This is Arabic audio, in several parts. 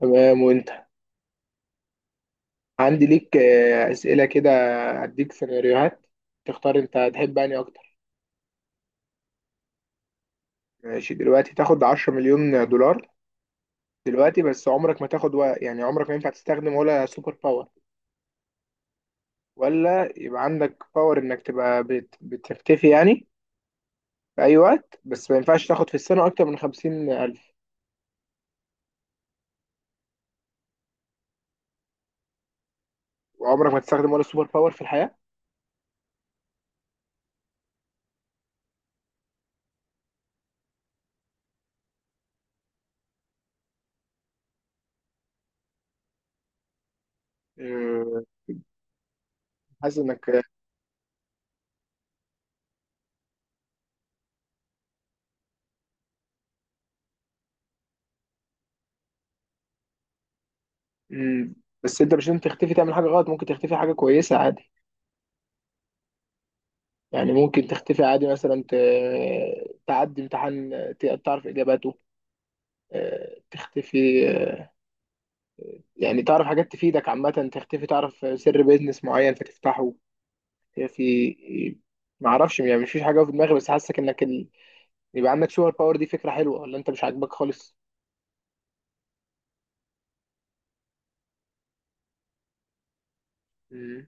تمام وانت. عندي ليك اسئله كده. اديك سيناريوهات تختار انت هتحب اني اكتر. ماشي، دلوقتي تاخد 10 مليون دولار دلوقتي، بس عمرك ما تاخد و... يعني عمرك ما ينفع تستخدم ولا سوبر باور، ولا يبقى عندك باور انك تبقى بتختفي يعني في اي وقت، بس ما ينفعش تاخد في السنه اكتر من 50 الف، وعمرك ما تستخدم ولا سوبر باور في الحياه. آه، حاسس انك مم، بس انت مش لازم تختفي تعمل حاجه غلط، ممكن تختفي حاجه كويسه عادي. يعني ممكن تختفي عادي، مثلا تعدي امتحان، تعرف إجاباته، تختفي، يعني تعرف حاجات تفيدك عامة، تختفي تعرف سر بيزنس معين فتفتحه. في، معرفش يعني، مفيش حاجة في دماغي، بس حاسك إنك يبقى عندك سوبر باور. دي فكرة حلوة ولا أنت مش عاجباك خالص؟ مم.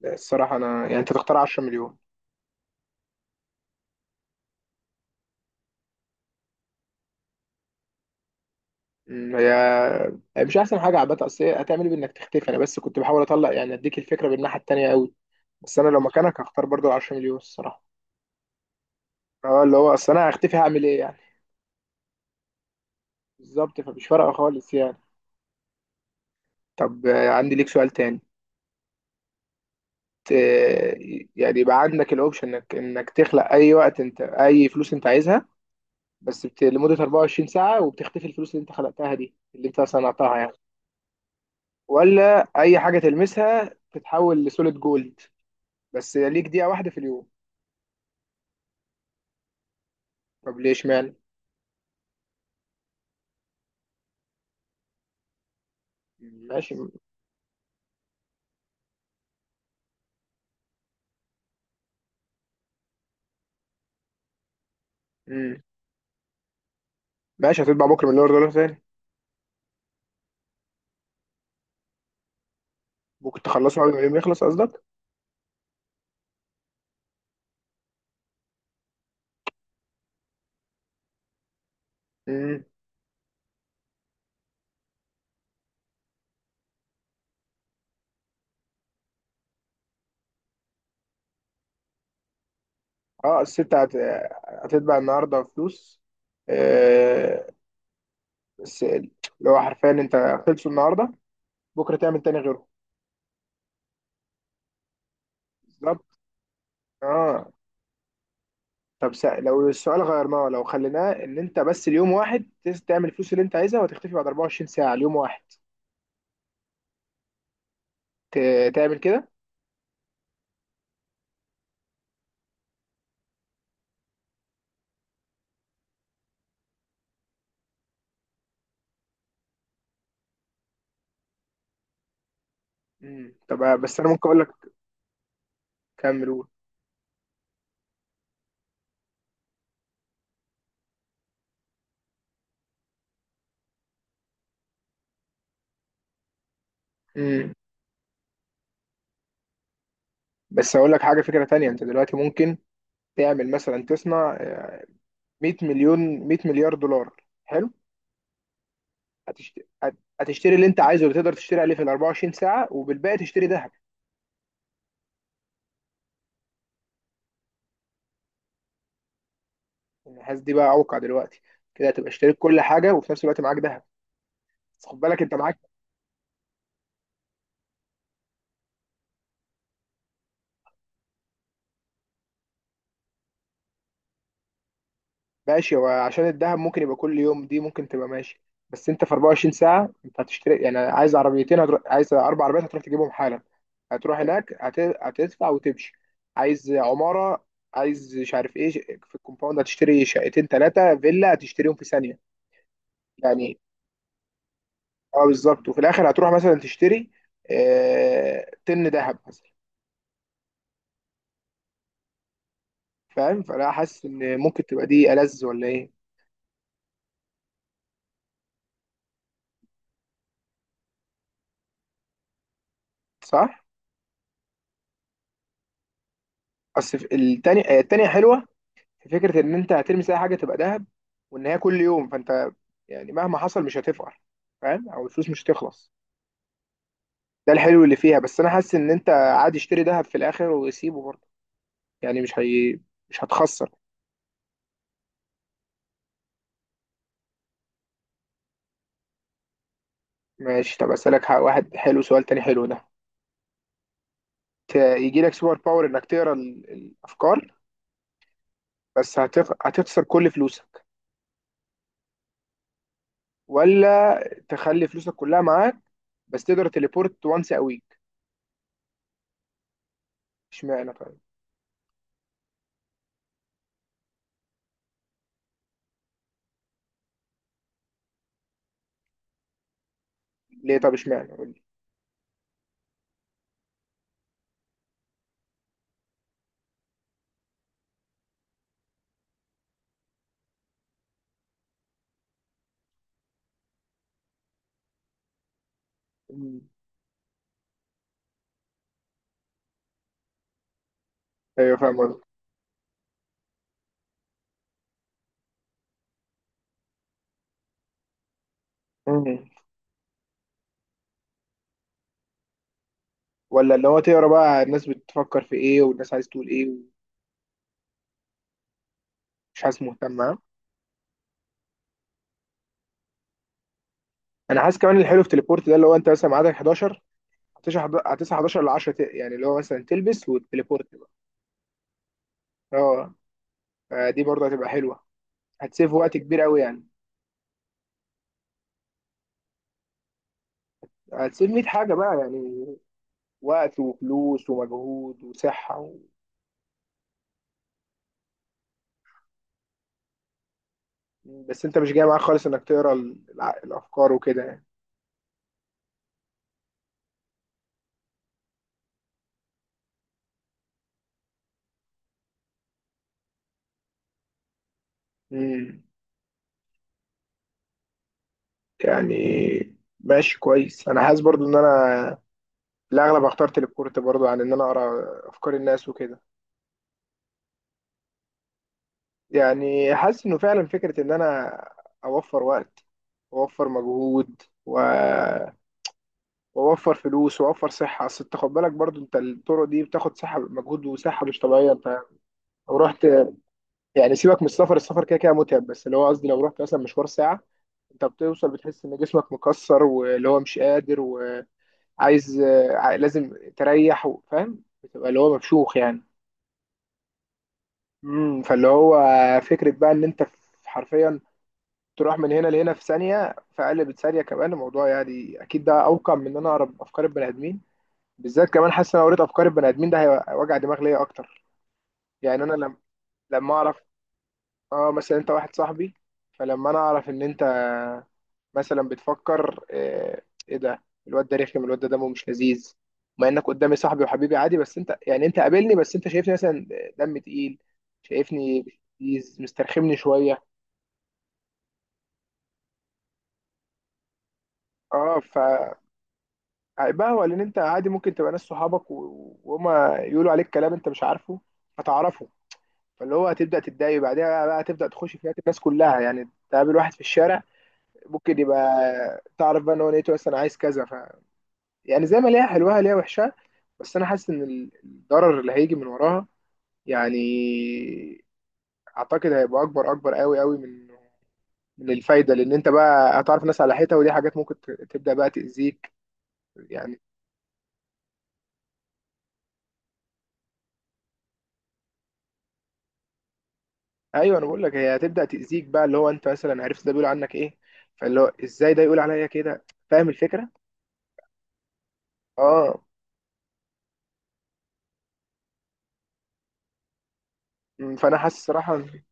لا، الصراحة أنا يعني أنت تختار 10 مليون. مم، هي مش أحسن حاجة عامة، أصل هي هتعمل إيه بإنك تختفي. أنا بس كنت بحاول أطلع يعني أديك الفكرة بالناحية التانية أوي. بس أنا لو مكانك هختار برضو 10 مليون الصراحة. اه، اللي هو اصل انا هختفي هعمل ايه يعني. بالظبط، فمش فارقه خالص يعني. طب عندي ليك سؤال تاني. ت- يعني يبقى عندك الاوبشن انك تخلق اي وقت انت اي فلوس انت عايزها، بس لمده 24 ساعه وبتختفي الفلوس اللي انت خلقتها دي اللي انت صنعتها يعني. ولا اي حاجه تلمسها تتحول لسوليد جولد، بس ليك دقيقه واحده في اليوم. طب ليش مان. ماشي. مم. ماشي، هتطبع بكره مليار دولار تاني. ممكن تخلصه قبل ما اليوم يخلص. قصدك. اه، الست هتتبع النهارده فلوس. آه، بس اللي هو حرفيا انت خلصوا النهارده، بكره تعمل تاني غيره. بالظبط. اه. طب لو السؤال غيرناه، لو خليناه ان انت بس اليوم واحد تعمل الفلوس اللي انت عايزها وتختفي بعد 24 ساعه، اليوم واحد ت... تعمل كده. امم، طب بس انا ممكن اقول لك. كمل قول. امم، بس اقول لك حاجه، فكره تانية. انت دلوقتي ممكن تعمل مثلا، تصنع 100 مليون، 100 مليار دولار، حلو. هتشتري، هتشتري اللي انت عايزه اللي تقدر تشتري عليه في ال 24 ساعة، وبالباقي تشتري ذهب. النحاس دي بقى اوقع دلوقتي. كده هتبقى اشتريت كل حاجة وفي نفس الوقت معاك ذهب. بس خد بالك انت معاك. ماشي، هو عشان الذهب ممكن يبقى كل يوم، دي ممكن تبقى ماشي. بس انت في 24 ساعة انت هتشتري يعني، عايز عربيتين هتروح، عايز اربع عربيات هتروح تجيبهم حالا، هتروح هناك هتدفع وتمشي، عايز عمارة، عايز مش عارف ايه، في الكومباوند هتشتري شقتين ثلاثة فيلا هتشتريهم في ثانية يعني. اه بالظبط، وفي الاخر هتروح مثلا تشتري آه طن ذهب مثلا. فاهم، فانا حاسس ان ممكن تبقى دي ألذ ولا ايه. صح. اصل التانية التانية حلوة، في فكرة ان انت هتلمس اي حاجة تبقى ذهب، وان هي كل يوم، فانت يعني مهما حصل مش هتفقر، فاهم، او الفلوس مش هتخلص. ده الحلو اللي فيها، بس انا حاسس ان انت عادي اشتري ذهب في الاخر وسيبه برضه، يعني مش هي، مش هتخسر. ماشي، طب اسالك واحد حلو، سؤال تاني حلو ده. يجي لك سوبر باور انك تقرا الافكار، بس هتخسر كل فلوسك، ولا تخلي فلوسك كلها معاك بس تقدر تليبورت وانس ا ويك. اشمعنى طيب. ليه، طب اشمعنى قول لي. مم. ايوه فاهم قصدك. مم. ولا اللي هو تقرا بقى الناس بتفكر في ايه والناس عايز تقول ايه ومش. حاسس مهتم. انا حاسس كمان الحلو في تليبورت ده اللي هو انت مثلا ميعادك 11، هتصحى 11 ل 10 يعني، اللي هو مثلا تلبس وتليبورت بقى. اه، فدي برضه هتبقى حلوه، هتسيف وقت كبير قوي يعني، هتسيف 100 حاجه بقى يعني، وقت وفلوس ومجهود وصحه. بس انت مش جاي معاك خالص انك تقرا الافكار وكده يعني. امم. يعني ماشي كويس، انا حاسس برضو ان انا في الاغلب هختار تليبورت برضو عن ان انا اقرا افكار الناس وكده. يعني حاسس انه فعلا فكره، ان انا اوفر وقت واوفر مجهود واوفر فلوس واوفر صحه. اصل انت خد بالك برضو انت الطرق دي بتاخد صحه، مجهود وصحه مش طبيعيه، انت لو رحت يعني، سيبك من السفر، السفر كده كده متعب، بس اللي هو قصدي لو رحت مثلا مشوار ساعة، انت بتوصل بتحس ان جسمك مكسر، واللي هو مش قادر وعايز، لازم تريح فاهم، بتبقى اللي هو مفشوخ يعني. امم، فاللي هو فكرة بقى ان انت حرفيا تروح من هنا لهنا في ثانية، في اقل من ثانية كمان. الموضوع يعني اكيد ده اوقع من ان انا اقرا افكار البني ادمين، بالذات كمان حاسس ان انا لو قريت افكار البني ادمين ده هيبقى وجع دماغ ليا اكتر. يعني انا لما اعرف اه مثلا انت واحد صاحبي، فلما انا اعرف ان انت مثلا بتفكر ايه ده، الواد ده رخم، الواد ده دمه مش لذيذ، مع انك قدامي صاحبي وحبيبي عادي، بس انت يعني انت قابلني بس انت شايفني مثلا دم تقيل، شايفني مش لذيذ، مسترخمني شويه. اه، فهيبقى هو لان انت عادي ممكن تبقى ناس صحابك وهما يقولوا عليك كلام انت مش عارفه فتعرفه. فاللي هو هتبدا تتضايق بعدها بقى، هتبدا تخش في حياه الناس كلها يعني، تقابل واحد في الشارع ممكن يبقى تعرف بقى ان هو نيته بس انا عايز كذا. ف يعني زي ما ليها حلوها ليها وحشها، بس انا حاسس ان الضرر اللي هيجي من وراها يعني، اعتقد هيبقى اكبر اكبر قوي قوي من من الفايده، لان انت بقى هتعرف ناس على حيطه، ودي حاجات ممكن تبدا بقى تاذيك يعني. ايوه، انا بقول لك هي هتبدا تاذيك بقى، اللي هو انت مثلا عرفت ده بيقول عنك ايه، فاللي هو ازاي ده يقول عليا كده، فاهم الفكره؟ اه، فانا حاسس صراحه.